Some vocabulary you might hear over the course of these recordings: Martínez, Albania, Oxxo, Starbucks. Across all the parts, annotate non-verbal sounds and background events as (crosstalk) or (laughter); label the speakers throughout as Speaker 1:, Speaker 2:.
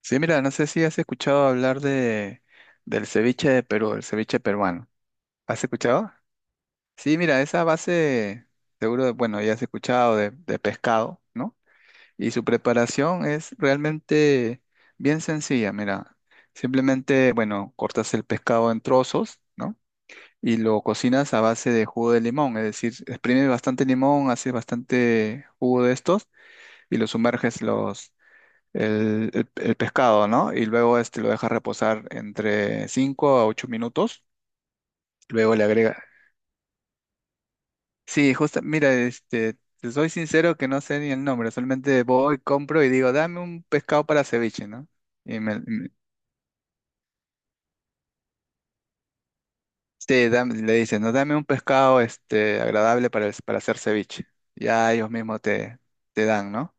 Speaker 1: Sí, mira, no sé si has escuchado hablar del ceviche de Perú, el ceviche peruano. ¿Has escuchado? Sí, mira, esa base, seguro, bueno, ya has escuchado de pescado, ¿no? Y su preparación es realmente bien sencilla, mira. Simplemente, bueno, cortas el pescado en trozos, ¿no? Y lo cocinas a base de jugo de limón, es decir, exprimes bastante limón, haces bastante jugo de estos y lo sumerges el pescado, ¿no? Y luego este lo dejas reposar entre 5 a 8 minutos. Luego le agrega. Sí, justo, mira, este, te soy sincero que no sé ni el nombre, solamente voy, compro y digo, dame un pescado para ceviche, ¿no? Y me, me- sí, le dicen, no, dame un pescado este, agradable para, para hacer ceviche. Ya ellos mismos te, te dan, ¿no?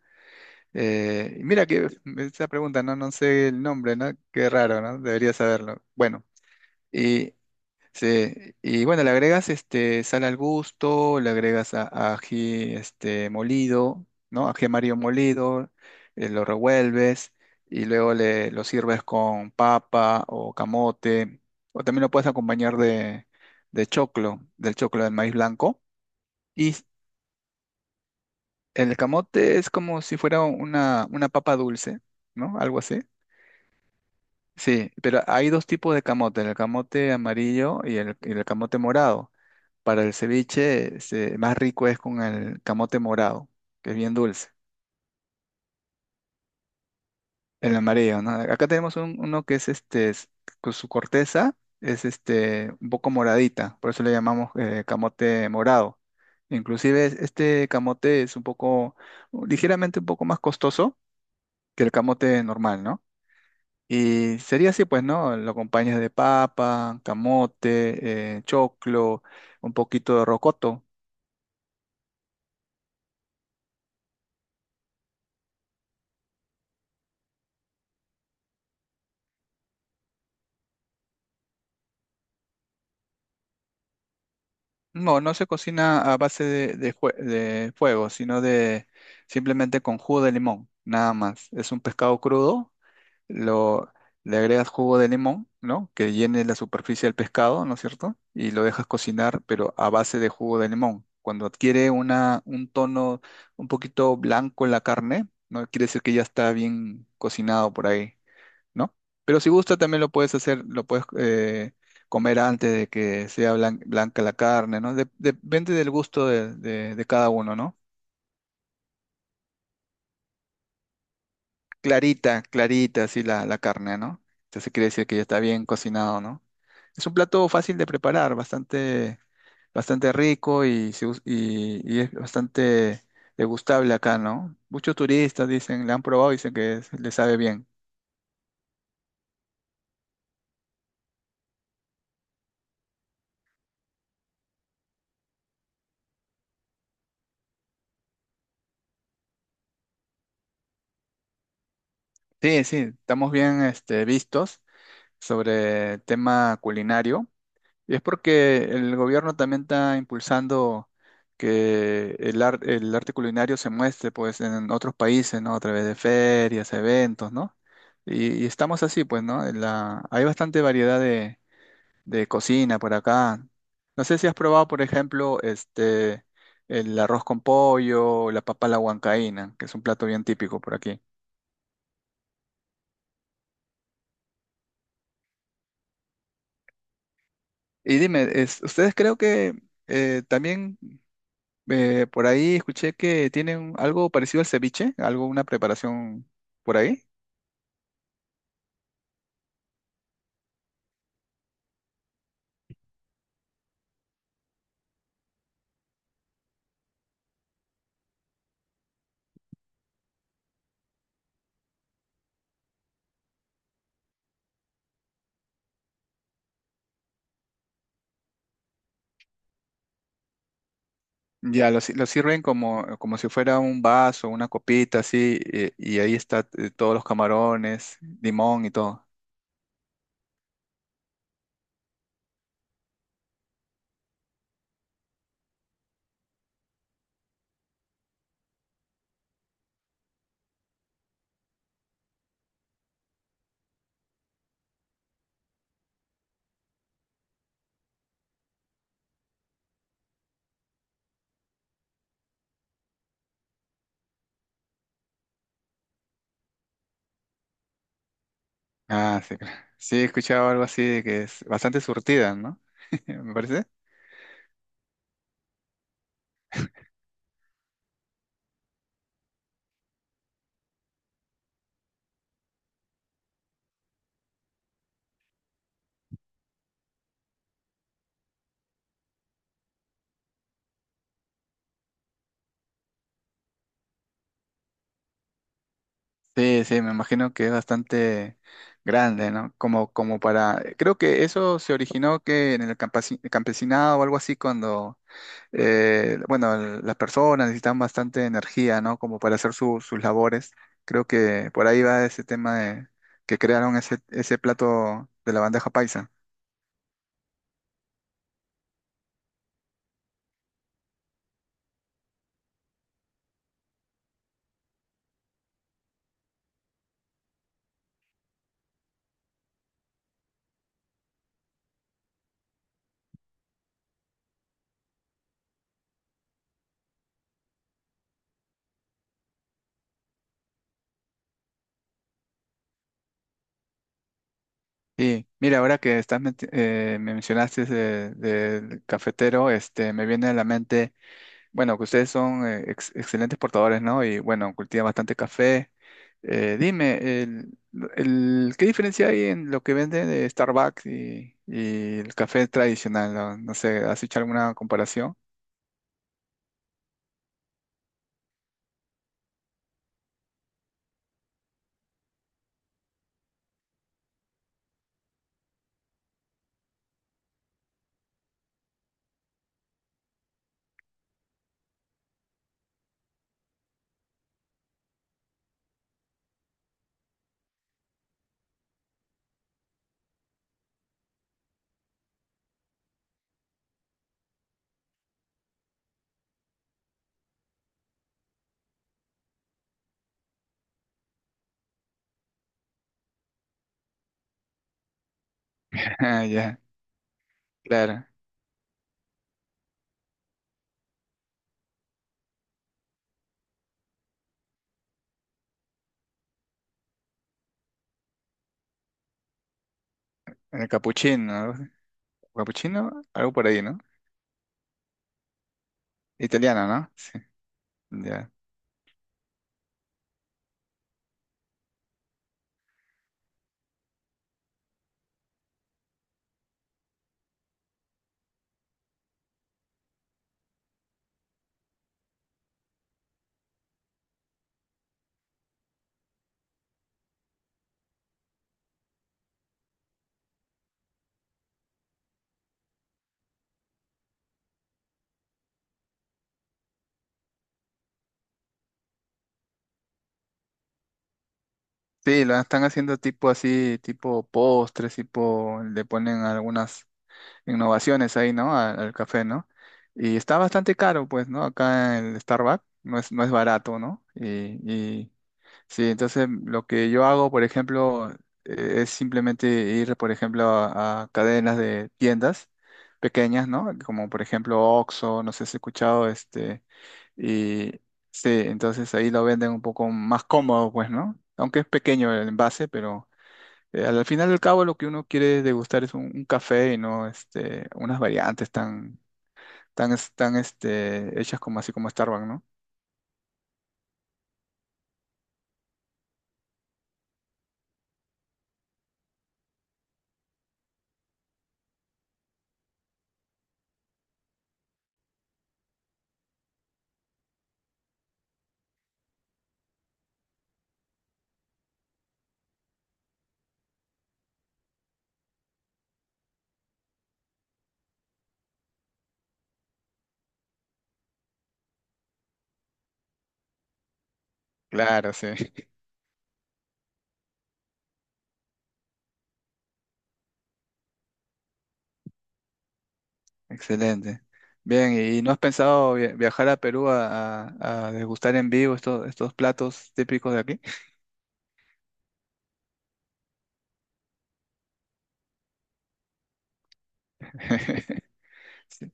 Speaker 1: Y mira que esa pregunta, no, no sé el nombre, ¿no? Qué raro, ¿no? Debería saberlo. Bueno. Sí, y bueno, le agregas este sal al gusto, le agregas a ají este molido, ¿no? Ají amarillo molido, lo revuelves y luego le lo sirves con papa o camote, o también lo puedes acompañar de choclo del maíz blanco. Y el camote es como si fuera una papa dulce, ¿no? Algo así. Sí, pero hay dos tipos de camote, el camote amarillo y el camote morado. Para el ceviche, este, más rico es con el camote morado, que es bien dulce. El amarillo, ¿no? Acá tenemos uno que es este, es- con su corteza es este, un poco moradita, por eso le llamamos camote morado. Inclusive este camote es un poco, ligeramente un poco más costoso que el camote normal, ¿no? Y sería así, pues, ¿no? Lo acompañas de papa, camote, choclo, un poquito de rocoto. No, no se cocina a base de fuego, sino de simplemente con jugo de limón, nada más. Es un pescado crudo, lo, le agregas jugo de limón, ¿no? Que llene la superficie del pescado, ¿no es cierto? Y lo dejas cocinar, pero a base de jugo de limón. Cuando adquiere un tono un poquito blanco en la carne, ¿no? Quiere decir que ya está bien cocinado por ahí. ¿No? Pero si gusta también lo puedes hacer, lo puedes comer antes de que sea blanca la carne, ¿no? Depende del gusto de cada uno, ¿no? Clarita, clarita, así la, la carne, ¿no? Entonces quiere decir que ya está bien cocinado, ¿no? Es un plato fácil de preparar, bastante, bastante rico y, y es bastante degustable acá, ¿no? Muchos turistas dicen, le han probado y dicen que le sabe bien. Sí, sí, estamos bien este, vistos sobre el tema culinario. Y es porque el gobierno también está impulsando que el arte culinario se muestre pues en otros países, ¿no? A través de ferias, eventos, ¿no? Y estamos así, pues, ¿no? En la- hay bastante variedad de cocina por acá. No sé si has probado, por ejemplo, este, el arroz con pollo, la papa a la huancaína, que es un plato bien típico por aquí. Y dime, es- ustedes creo que también por ahí escuché que tienen algo parecido al ceviche, algo, una preparación por ahí. Ya, lo, si- lo sirven como, como si fuera un vaso, una copita, así, y ahí está todos los camarones, limón y todo. Ah, sí, claro. Sí, he escuchado algo así de que es bastante surtida, ¿no? (laughs) Me parece. Sí, sí, me imagino que es bastante grande, ¿no? Como, como para... Creo que eso se originó que en el campesinado o algo así cuando bueno, el- las personas necesitan bastante energía, ¿no? Como para hacer sus labores. Creo que por ahí va ese tema de que crearon ese, ese plato de la bandeja paisa. Y mira, ahora que estás me mencionaste del cafetero, este, me viene a la mente. Bueno, que ustedes son excelentes portadores, ¿no? Y bueno, cultivan bastante café. Dime, el, ¿qué diferencia hay en lo que venden de Starbucks y el café tradicional? No, no sé, ¿has hecho alguna comparación? (laughs) Ah, ya, claro. El capuchino, algo así. Capuchino, algo por ahí, ¿no? Italiano, ¿no? Sí, ya. Sí, lo están haciendo tipo así, tipo postres, tipo, le ponen algunas innovaciones ahí, ¿no? Al café, ¿no? Y está bastante caro, pues, ¿no? Acá en el Starbucks no es, no es barato, ¿no? Y sí, entonces lo que yo hago, por ejemplo, es simplemente ir, por ejemplo, a cadenas de tiendas pequeñas, ¿no? Como por ejemplo Oxxo, no sé si has escuchado, este, y sí, entonces ahí lo venden un poco más cómodo, pues, ¿no? Aunque es pequeño el envase, pero... Al final del cabo, lo que uno quiere degustar es un café y no este, unas variantes tan, tan, tan este, hechas como así como Starbucks, ¿no? Claro, sí. (laughs) Excelente. Bien, ¿y no has pensado viajar a Perú a, a degustar en vivo estos, estos platos típicos de aquí? (laughs) Sí.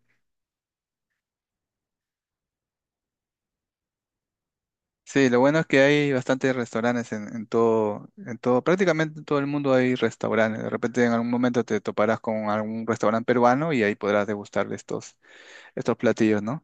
Speaker 1: Sí, lo bueno es que hay bastantes restaurantes en todo, prácticamente en todo el mundo hay restaurantes. De repente en algún momento te toparás con algún restaurante peruano y ahí podrás degustar de estos, estos platillos, ¿no?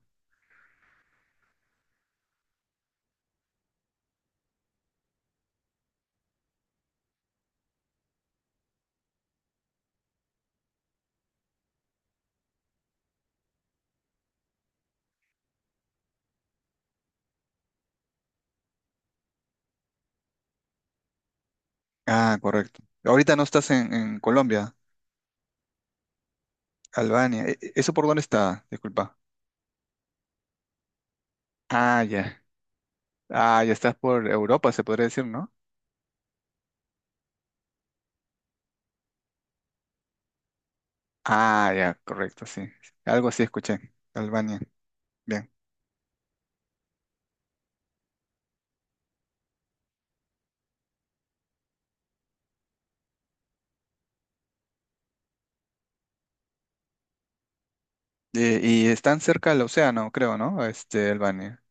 Speaker 1: Ah, correcto. Ahorita no estás en Colombia. Albania. ¿Eso por dónde está? Disculpa. Ah, ya. Ah, ya estás por Europa, se podría decir, ¿no? Ah, ya, correcto, sí. Algo así escuché. Albania. Bien. Están cerca del océano, creo, ¿no? Este, Albania.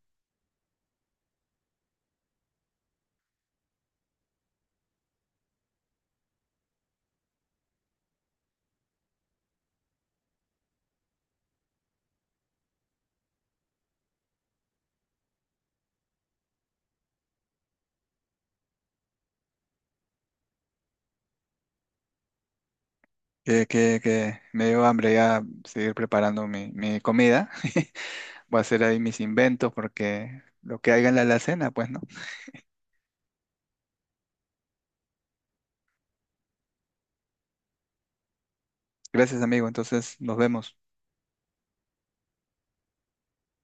Speaker 1: Que me dio hambre ya seguir preparando mi, mi comida. (laughs) Voy a hacer ahí mis inventos porque lo que haya en la alacena, pues, ¿no? Gracias, amigo. Entonces, nos vemos.